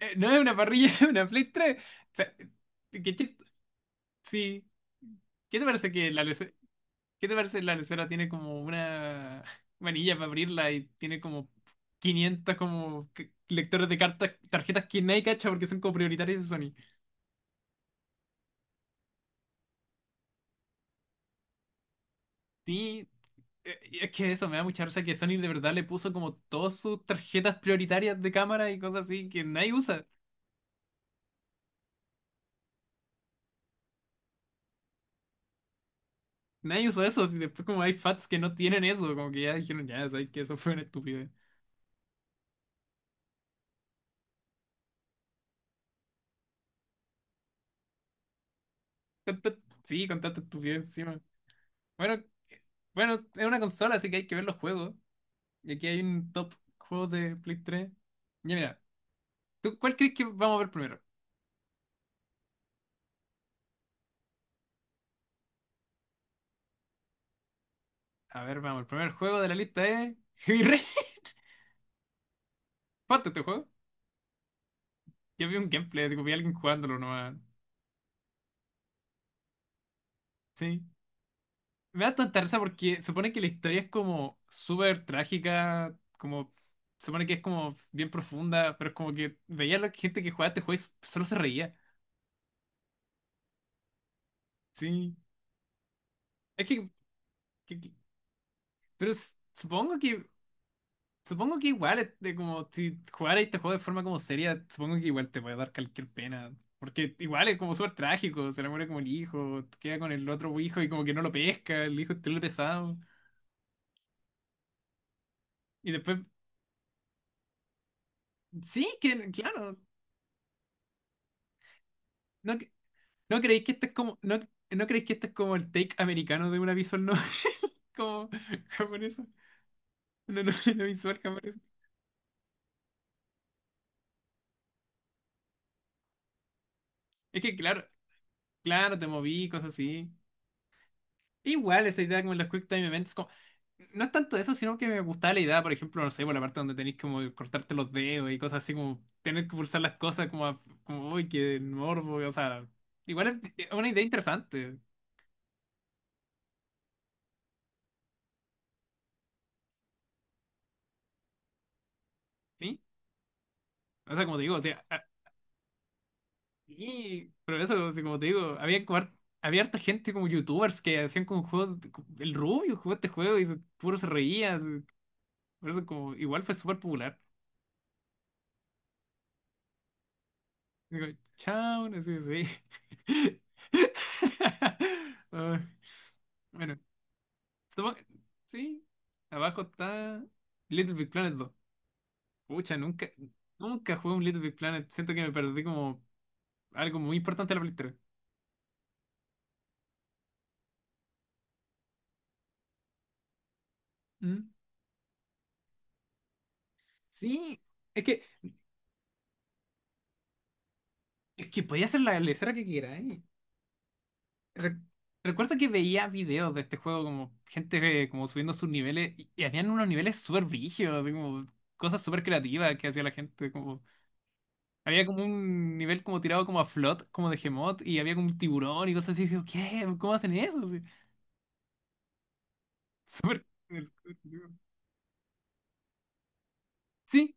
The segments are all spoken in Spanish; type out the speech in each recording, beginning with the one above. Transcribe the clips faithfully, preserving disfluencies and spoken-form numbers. Eh, No es una parrilla, es una Play tres. O sea, ¿qué, chi- sí. ¿Qué te parece que la lece- ¿Qué te parece la lecera tiene como una manilla para abrirla y tiene como quinientos como que- lectores de cartas, tarjetas que nadie cacha porque son como prioritarias de Sony? Sí, eh, y es que eso me da mucha risa que Sony de verdad le puso como todas sus tarjetas prioritarias de cámara y cosas así que nadie usa. Nadie usa eso, y después como hay fats que no tienen eso, como que ya dijeron, ya sabes que eso fue una estupidez. Tanta- Sí, con tanta estupidez encima. Bueno, eh, bueno, es una consola, así que hay que ver los juegos. Y aquí hay un top juegos de Play tres. Ya mira, ¿tú cuál crees que vamos a ver primero? A ver, vamos, el primer juego de la lista es Heavy Rain. ¿Cuánto este juego? Yo vi un gameplay, así que vi a alguien jugándolo nomás. Sí. Me da tanta risa porque se supone que la historia es como súper trágica, como se supone que es como bien profunda, pero es como que veía a la gente que jugaba este juego y solo se reía. Sí. Es que que- Pero s- supongo que, supongo que igual, este, como si jugaras este juego de forma como seria, supongo que igual te puede dar cualquier pena. Porque igual es como súper trágico, se le muere como el hijo, queda con el otro hijo y como que no lo pesca, el hijo es terrible pesado. Y después, sí, que claro, no, cre- no creéis que este es como, no, no creéis que este es como el take americano de una visual novel, como japonesa, una novela visual japonesa. Es que claro, claro, te moví, cosas así. Igual esa idea como en los quicktime time events, como, no es tanto eso, sino que me gustaba la idea, por ejemplo, no sé, por la parte donde tenéis como cortarte los dedos y cosas así, como tener que pulsar las cosas como, a- como uy, qué morbo, o sea, igual es es una idea interesante. ¿Sí? O sea, como te digo, o sea, a- y- pero eso, o sea, como te digo, había, como har- había harta gente como youtubers que hacían como juegos, el Rubio jugó este juego y se- puro se reía, por eso como, igual fue súper popular. Digo, chao, no sé sí. Ah, bueno, supongo- sí, abajo está Little Big Planet dos. Pucha, nunca, nunca jugué un Little Big Planet. Siento que me perdí como algo muy importante de la Play tres. ¿Mm? Sí, es que, es que podía hacer la lesera que quiera, ¿eh? Re- Recuerdo que veía videos de este juego como gente eh, como subiendo sus niveles y, y habían unos niveles súper brígidos, así como cosas súper creativas que hacía la gente, como. Había como un nivel como tirado como a Flood, como de Gemot, y había como un tiburón y cosas así. Y dije, ¿qué? ¿Cómo hacen eso? Sí. súper- Sí,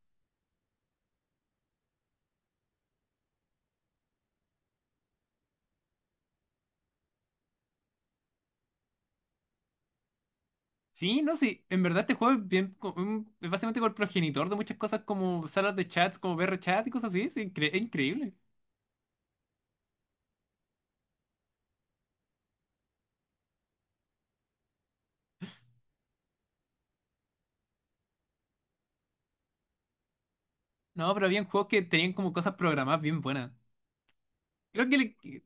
sí, no, sí. En verdad este juego es bien, co- un- es básicamente como el progenitor de muchas cosas como salas de chats, como V R chat y cosas así. Es, incre- es increíble. No, pero había juegos que tenían como cosas programadas bien buenas. Creo que le- que-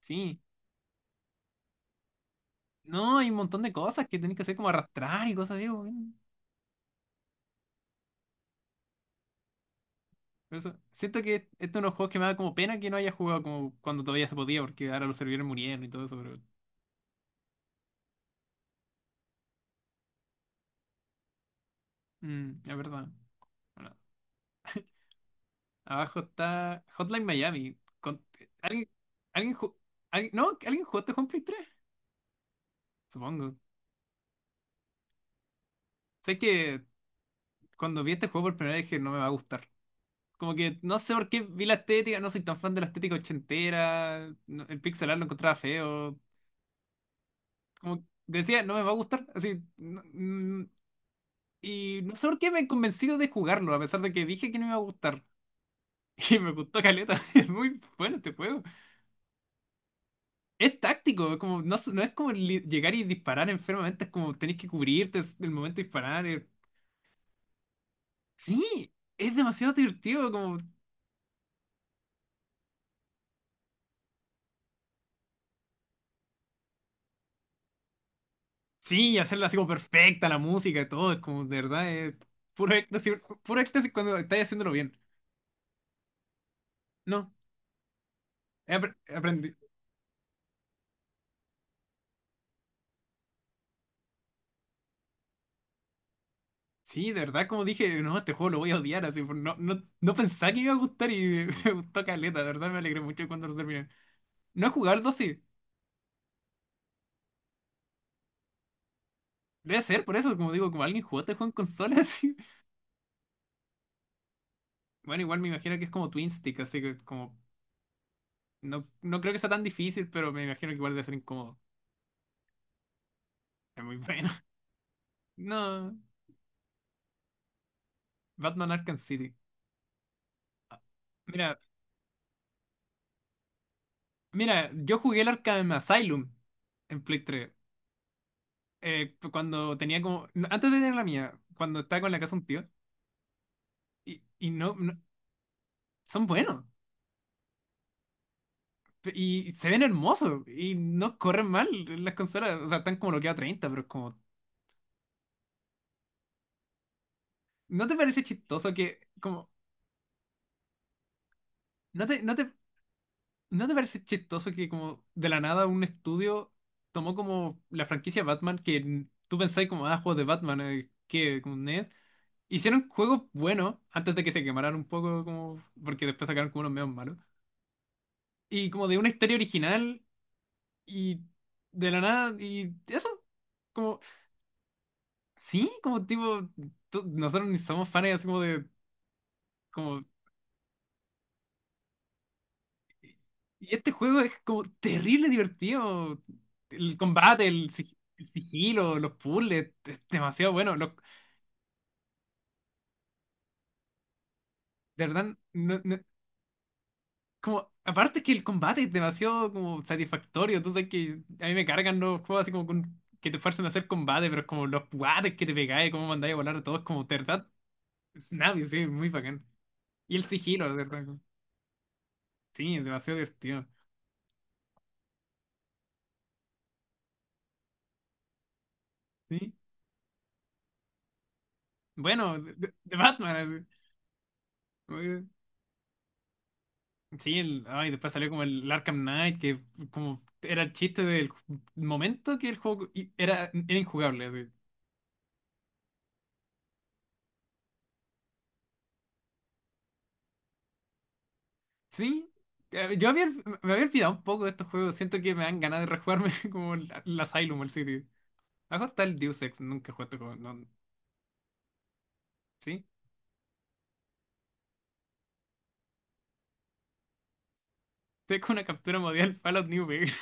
sí. No, hay un montón de cosas que tenés que hacer como arrastrar y cosas así. Por eso, siento que este es uno de los juegos que me da como pena que no haya jugado como cuando todavía se podía, porque ahora los servidores murieron y todo eso, pero mm, es verdad. Bueno, abajo está Hotline Miami. Con- ¿alguien, alguien, ju- alguien- no, ¿Alguien jugó este juego en Play tres? Supongo. Sé que cuando vi este juego por primera vez dije no me va a gustar. Como que no sé por qué vi la estética, no soy tan fan de la estética ochentera, no- el pixel art lo encontraba feo. Como decía, no me va a gustar, así, no- mm, Y no sé por qué me he convencido de jugarlo, a pesar de que dije que no me iba a gustar. Y me gustó caleta, es muy bueno este juego. Es táctico, es como, no, es- no es como li- llegar y disparar enfermamente, es como tenés que cubrirte es el momento de disparar. es- Sí, es demasiado divertido, como, sí, hacerla así como perfecta, la música y todo, es como, de verdad, es puro éxtasis, puro éxtasis cuando estás haciéndolo bien. No, he aprendido. Sí, de verdad, como dije, no, este juego lo voy a odiar, así, por- no, no, no pensaba que me iba a gustar y me gustó caleta, de verdad, me alegré mucho cuando lo terminé. No he jugado el dos, sí, debe ser, por eso, como digo, como alguien jugó este juego en consola. Así. Bueno, igual me imagino que es como Twin Stick, así que como, no, no creo que sea tan difícil, pero me imagino que igual debe ser incómodo. Es muy bueno. No, Batman Arkham City. Mira, mira, yo jugué el Arkham Asylum en Play tres, eh, cuando tenía como, no, antes de tener la mía, cuando estaba con la casa de un tío. Y, y no, no, son buenos y se ven hermosos y no corren mal en las consolas. O sea, están como bloqueados a treinta pero es como. ¿No te parece chistoso que, como. ¿No te, no te, no te parece chistoso que, como, de la nada un estudio tomó como la franquicia Batman que n- tú pensás como, ah, juegos de Batman, eh, que, como NES. Hicieron juegos buenos antes de que se quemaran un poco, como. Porque después sacaron como unos medios malos. Y como de una historia original y de la nada, y eso. Como, sí, como tipo, tú- nosotros ni somos fans así como de, como, y este juego es como terrible divertido. El combate, el, sig- el sigilo, los puzzles, es demasiado bueno. Los- de verdad, no- no- como, aparte que el combate es demasiado como satisfactorio. Tú sabes que a mí me cargan los juegos así como con- que te fuerzan a hacer combate, pero es como los guates que te pegáis, cómo mandáis a volar a todos, como, de verdad, es nadie, sí, muy bacán. Y el sigilo, de verdad, como- sí, es demasiado divertido. Sí. Bueno, de, de Batman. Así. Muy- Sí, el, ay, después salió como el Arkham Knight, que como era el chiste del ju- momento que el juego i- era, era injugable. Así. Sí, eh, yo había, me había olvidado un poco de estos juegos. Siento que me dan ganas de rejugarme como el, el Asylum, el City. Abajo está el Deus Ex, nunca he jugado este juego. No, sí, estoy con una captura mundial Fallout New Vegas.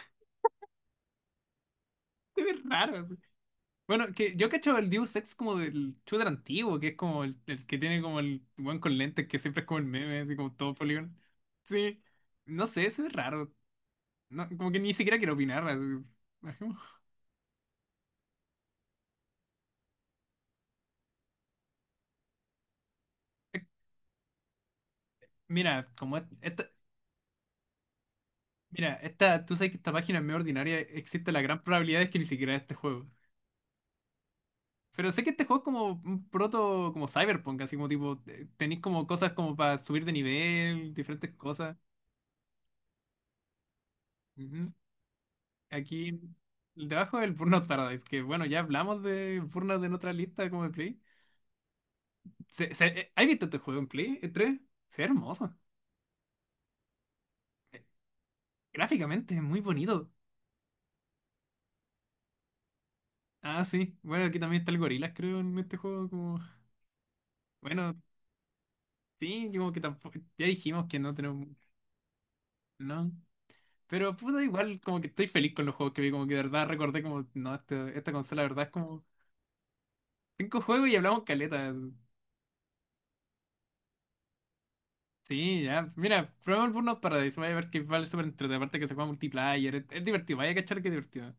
Se ve raro. Bueno, que yo cacho el Deus Ex como del shooter antiguo, que es como el, el que tiene como el weón con lentes, que siempre es como el meme, así como todo polígono. Sí, no sé, se ve raro. No, como que ni siquiera quiero opinar. Así. Bajemos. Eh, Mira, como es- esta, mira, esta, tú sabes que esta página es medio ordinaria, existe la gran probabilidad de que ni siquiera es este juego. Pero sé que este juego es como un proto, como Cyberpunk, así como tipo, eh, tenéis como cosas como para subir de nivel, diferentes cosas. Aquí, debajo del Burnout Paradise, que bueno, ya hablamos de Burnout en otra lista como de Play. Se, se- eh, ¿has visto este juego en Play tres? Se ve hermoso. Eh, Gráficamente es muy bonito. Ah, sí. Bueno, aquí también está el Gorilas, creo, en este juego. Como... Bueno, sí, como que tampoco. Ya dijimos que no tenemos. No. Pero puta, igual, como que estoy feliz con los juegos que vi. Como que de verdad recordé, como, no, este- esta consola, de verdad, es como cinco juegos y hablamos caleta. Sí, ya. Mira, probemos el Burnout Paradise. Vaya a ver que vale súper entretenido. Aparte que se juega multiplayer. Es, es divertido. Vaya a cachar que es divertido.